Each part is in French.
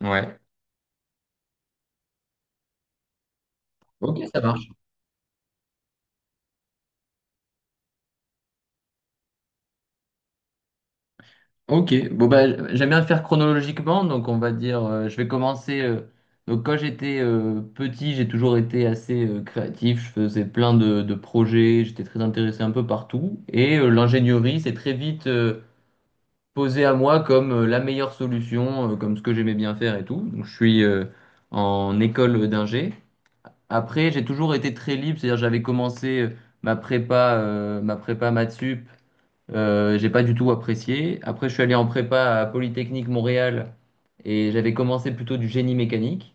Ouais. Ok, ça marche. Ok. Bon, bah, j'aime bien le faire chronologiquement. Donc, on va dire, je vais commencer. Donc, quand j'étais petit, j'ai toujours été assez créatif. Je faisais plein de projets. J'étais très intéressé un peu partout. Et l'ingénierie s'est très vite posée à moi comme la meilleure solution, comme ce que j'aimais bien faire et tout. Donc, je suis en école d'ingé. Après, j'ai toujours été très libre. C'est-à-dire, j'avais commencé ma prépa maths sup. J'ai pas du tout apprécié. Après, je suis allé en prépa à Polytechnique Montréal et j'avais commencé plutôt du génie mécanique.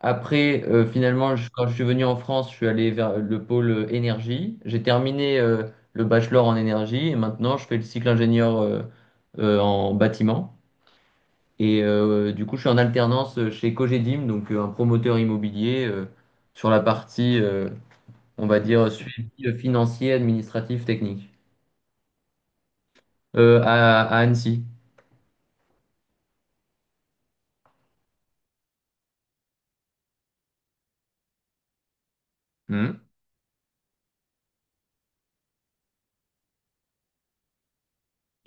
Après, finalement, quand je suis venu en France, je suis allé vers le pôle énergie. J'ai terminé le bachelor en énergie et maintenant je fais le cycle ingénieur en bâtiment. Et du coup, je suis en alternance chez Cogedim, donc un promoteur immobilier sur la partie, on va dire, suivi financier, administratif, technique. À Annecy.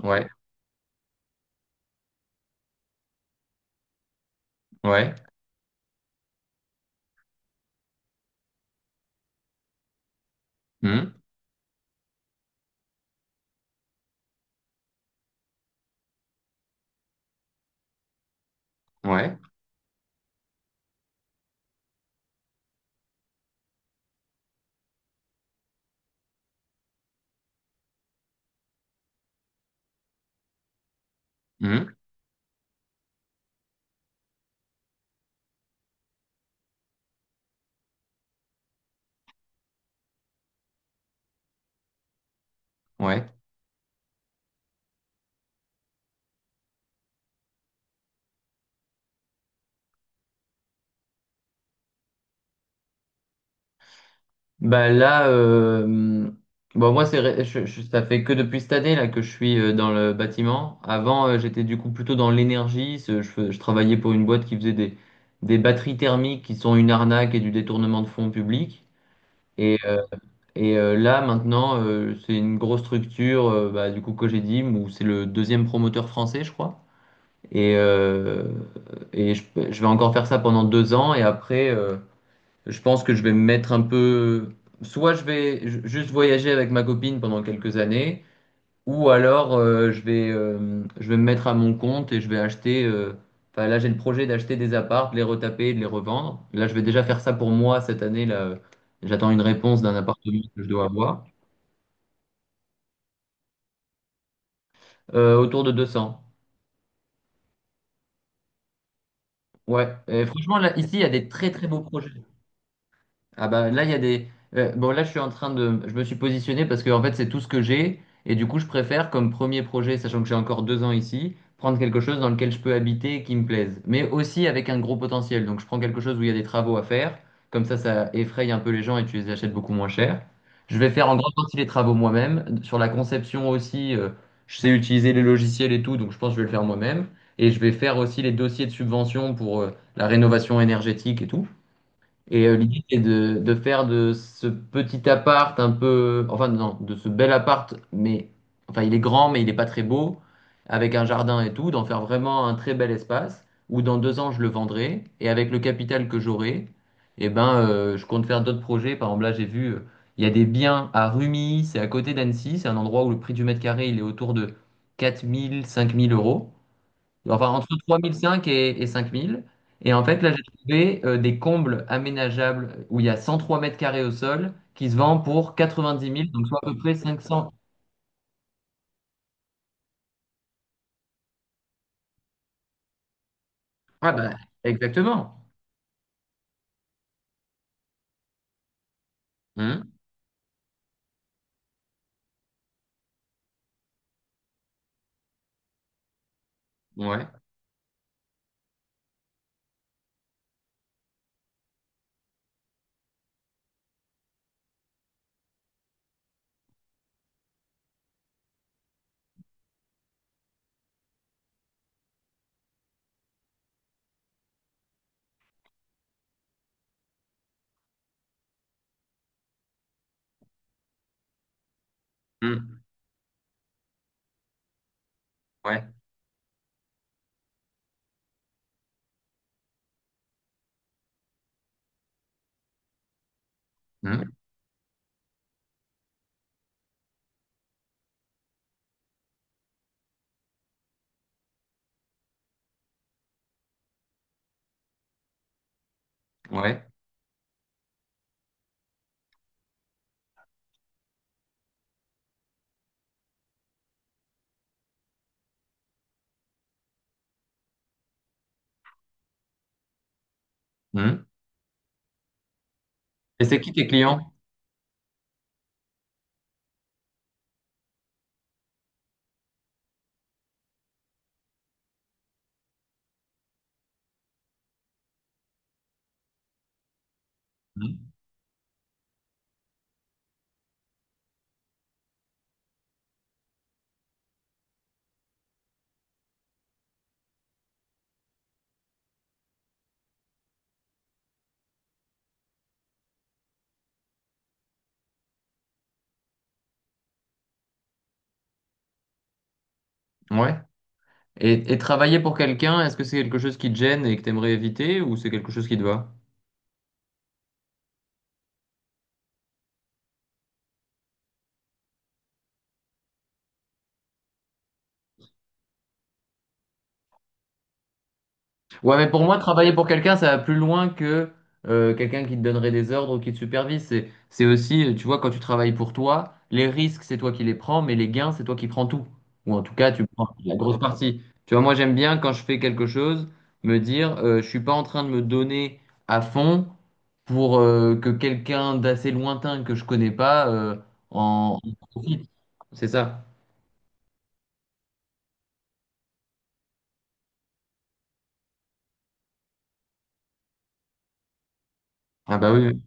Ouais, ouais, hmm, ouais, hmm, ouais. Bah là, bon moi, c'est, ré- je- ça fait que depuis cette année là que je suis dans le bâtiment. Avant j'étais du coup plutôt dans l'énergie. Je travaillais pour une boîte qui faisait des batteries thermiques qui sont une arnaque et du détournement de fonds publics. Et, euh, là maintenant c'est une grosse structure, du coup Cogedim, où c'est le deuxième promoteur français je crois. Et, euh, et je vais encore faire ça pendant 2 ans et après. Je pense que je vais me mettre un peu. Soit je vais juste voyager avec ma copine pendant quelques années, ou alors je vais me mettre à mon compte et je vais acheter. Enfin, là, j'ai le projet d'acheter des apparts, de les retaper, et de les revendre. Là, je vais déjà faire ça pour moi cette année. Là, j'attends une réponse d'un appartement que je dois avoir. Autour de 200. Ouais. Et franchement, là, ici, il y a des très très beaux projets. Ah bah là il y a des bon là, je me suis positionné, parce que en fait c'est tout ce que j'ai, et du coup je préfère, comme premier projet, sachant que j'ai encore 2 ans ici, prendre quelque chose dans lequel je peux habiter et qui me plaise, mais aussi avec un gros potentiel. Donc je prends quelque chose où il y a des travaux à faire, comme ça ça effraie un peu les gens et tu les achètes beaucoup moins cher. Je vais faire en grande partie les travaux moi-même, sur la conception aussi, je sais utiliser les logiciels et tout, donc je pense que je vais le faire moi-même. Et je vais faire aussi les dossiers de subvention pour la rénovation énergétique et tout. Et l'idée, c'est de faire de ce petit appart un peu, enfin non, de ce bel appart, mais enfin il est grand, mais il n'est pas très beau, avec un jardin et tout, d'en faire vraiment un très bel espace, où dans 2 ans je le vendrai, et avec le capital que j'aurai, eh ben je compte faire d'autres projets. Par exemple, là j'ai vu, il y a des biens à Rumi, c'est à côté d'Annecy, c'est un endroit où le prix du mètre carré il est autour de 4000 5000 euros. Enfin, entre 3005 et 5000. Et en fait, là, j'ai trouvé des combles aménageables où il y a 103 mètres carrés au sol qui se vend pour 90 000, donc soit à peu près 500. Ah bah, exactement. Hum, ouais. Hum, ouais. Hum, ouais. Hum. Et c'est qui tes clients? Hum, ouais. Et travailler pour quelqu'un, est-ce que c'est quelque chose qui te gêne et que tu aimerais éviter, ou c'est quelque chose qui te va? Ouais, mais pour moi, travailler pour quelqu'un, ça va plus loin que quelqu'un qui te donnerait des ordres ou qui te supervise. C'est, c'est aussi, tu vois, quand tu travailles pour toi, les risques, c'est toi qui les prends, mais les gains, c'est toi qui prends tout. Ou en tout cas, tu prends la grosse partie. Tu vois, moi, j'aime bien, quand je fais quelque chose, me dire, je suis pas en train de me donner à fond pour que quelqu'un d'assez lointain que je connais pas en profite. C'est ça. Ah bah oui. Oui.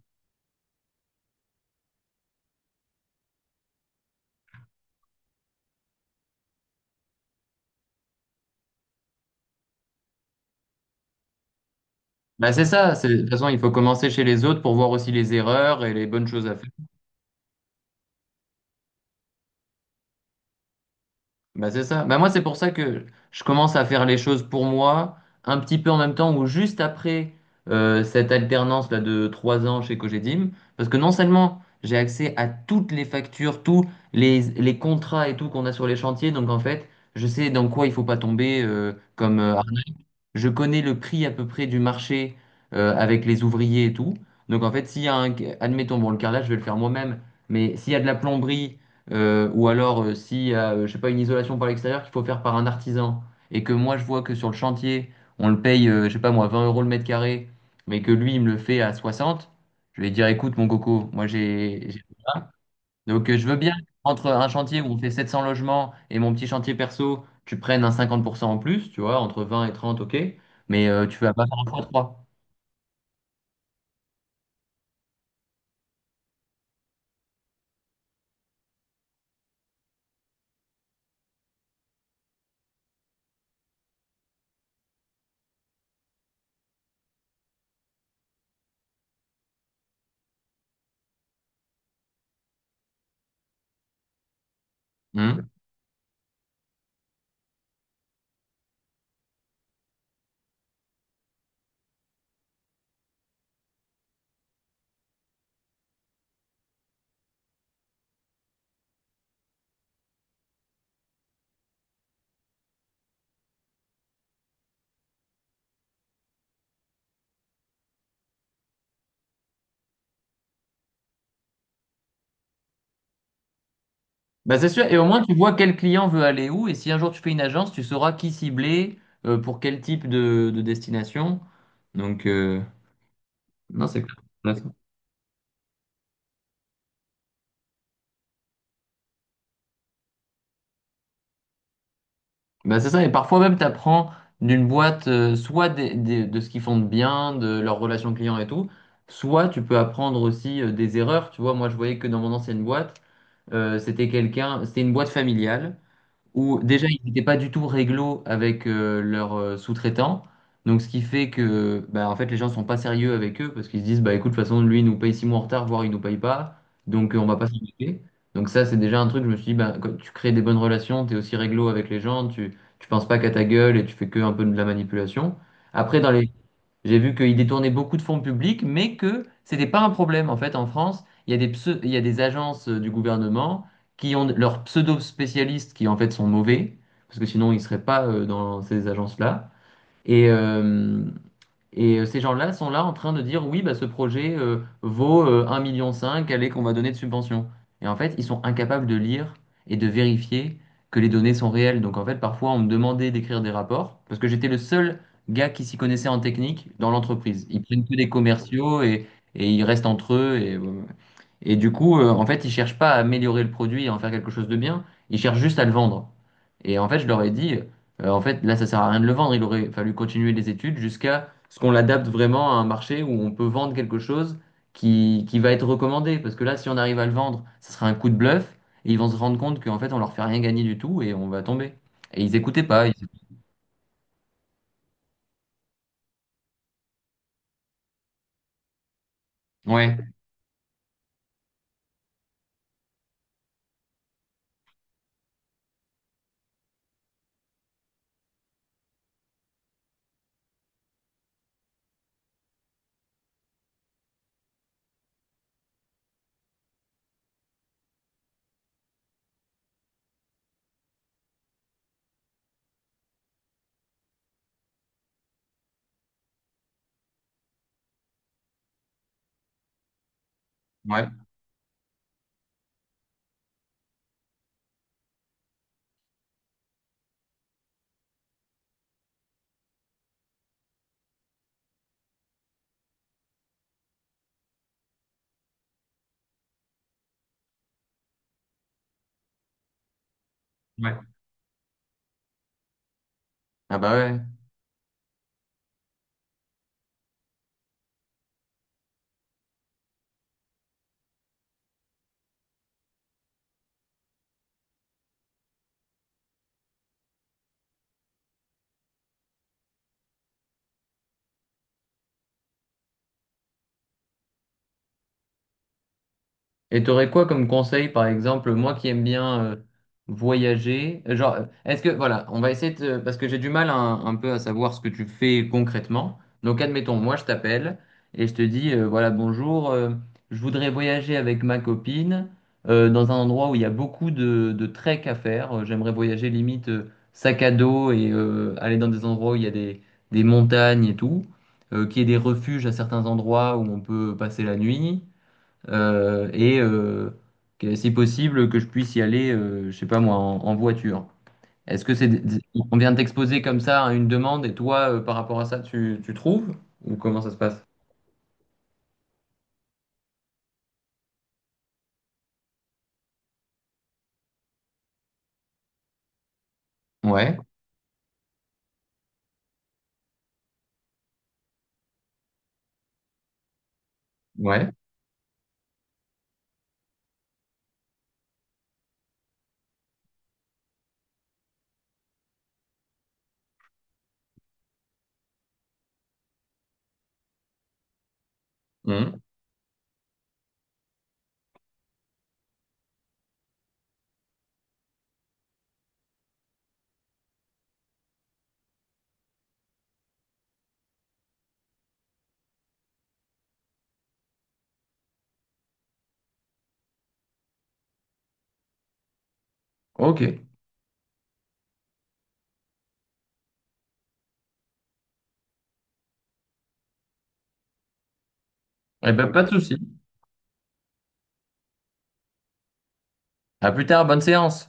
Bah c'est ça. De toute façon, il faut commencer chez les autres pour voir aussi les erreurs et les bonnes choses à faire. Bah c'est ça. Bah moi, c'est pour ça que je commence à faire les choses pour moi, un petit peu en même temps ou juste après cette alternance là de 3 ans chez Cogedim, parce que non seulement j'ai accès à toutes les factures, tous les contrats et tout qu'on a sur les chantiers, donc en fait, je sais dans quoi il faut pas tomber comme je connais le prix à peu près du marché avec les ouvriers et tout. Donc en fait, s'il y a un, admettons, bon, le carrelage, je vais le faire moi-même, mais s'il y a de la plomberie, ou alors s'il y a, je sais pas, une isolation par l'extérieur qu'il faut faire par un artisan, et que moi je vois que sur le chantier, on le paye, je sais pas moi, 20 euros le mètre carré, mais que lui, il me le fait à 60, je vais dire, écoute, mon coco, moi j'ai, donc, je veux bien, entre un chantier où on fait 700 logements et mon petit chantier perso, tu prennes un 50% en plus, tu vois, entre 20 et 30, ok, mais tu vas pas faire un fois 3. Bah, c'est sûr, et au moins tu vois quel client veut aller où, et si un jour tu fais une agence, tu sauras qui cibler, pour quel type de destination. Donc, non, c'est clair. Bah c'est ça, et parfois même tu apprends d'une boîte, soit de ce qu'ils font de bien, de leurs relations clients et tout, soit tu peux apprendre aussi des erreurs. Tu vois, moi je voyais que dans mon ancienne boîte, c'était une boîte familiale, où déjà ils n'étaient pas du tout réglo avec leurs sous-traitants. Donc ce qui fait que bah, en fait les gens sont pas sérieux avec eux parce qu'ils se disent bah écoute, de toute façon lui il nous paye 6 mois en retard, voire il nous paye pas, donc on va pas s'embêter. Donc ça c'est déjà un truc, je me suis dit bah, quand tu crées des bonnes relations, tu es aussi réglo avec les gens, tu penses pas qu'à ta gueule et tu fais que un peu de la manipulation. Après dans les j'ai vu qu'ils détournaient beaucoup de fonds publics, mais que c'était pas un problème. En fait, en France, il y a des agences du gouvernement qui ont leurs pseudo-spécialistes qui en fait sont mauvais, parce que sinon ils seraient pas dans ces agences-là. Et, euh, ces gens-là sont là en train de dire oui, bah, ce projet vaut 1,5 million, cinq, allez, qu'on va donner de subvention. Et en fait, ils sont incapables de lire et de vérifier que les données sont réelles. Donc en fait, parfois, on me demandait d'écrire des rapports parce que j'étais le seul gars qui s'y connaissait en technique dans l'entreprise. Ils prennent que des commerciaux, et ils restent entre eux. Et, voilà. Et du coup, en fait, ils cherchent pas à améliorer le produit et en faire quelque chose de bien, ils cherchent juste à le vendre. Et en fait, je leur ai dit, en fait, là, ça sert à rien de le vendre, il aurait fallu continuer les études jusqu'à ce qu'on l'adapte vraiment à un marché où on peut vendre quelque chose qui va être recommandé. Parce que là, si on arrive à le vendre, ça sera un coup de bluff, et ils vont se rendre compte qu'en fait, on leur fait rien gagner du tout et on va tomber. Et ils écoutaient pas. Ouais, ouais, ouais. Ah bah ouais. Et t'aurais quoi comme conseil, par exemple, moi qui aime bien voyager, genre, est-ce que, voilà, on va essayer de, parce que j'ai du mal un peu à savoir ce que tu fais concrètement. Donc, admettons, moi, je t'appelle et je te dis, voilà, bonjour, je voudrais voyager avec ma copine dans un endroit où il y a beaucoup de trek à faire. J'aimerais voyager limite sac à dos et aller dans des endroits où il y a des montagnes et tout, qu'il y ait des refuges à certains endroits où on peut passer la nuit, euh, et euh, si possible que je puisse y aller, je sais pas moi, en voiture. Est-ce que on vient de t'exposer comme ça à une demande, et toi, par rapport à ça, tu trouves? Ou comment ça se passe? Ouais, ouais. Mmh. Ok. Eh ben, pas de souci. À plus tard, bonne séance.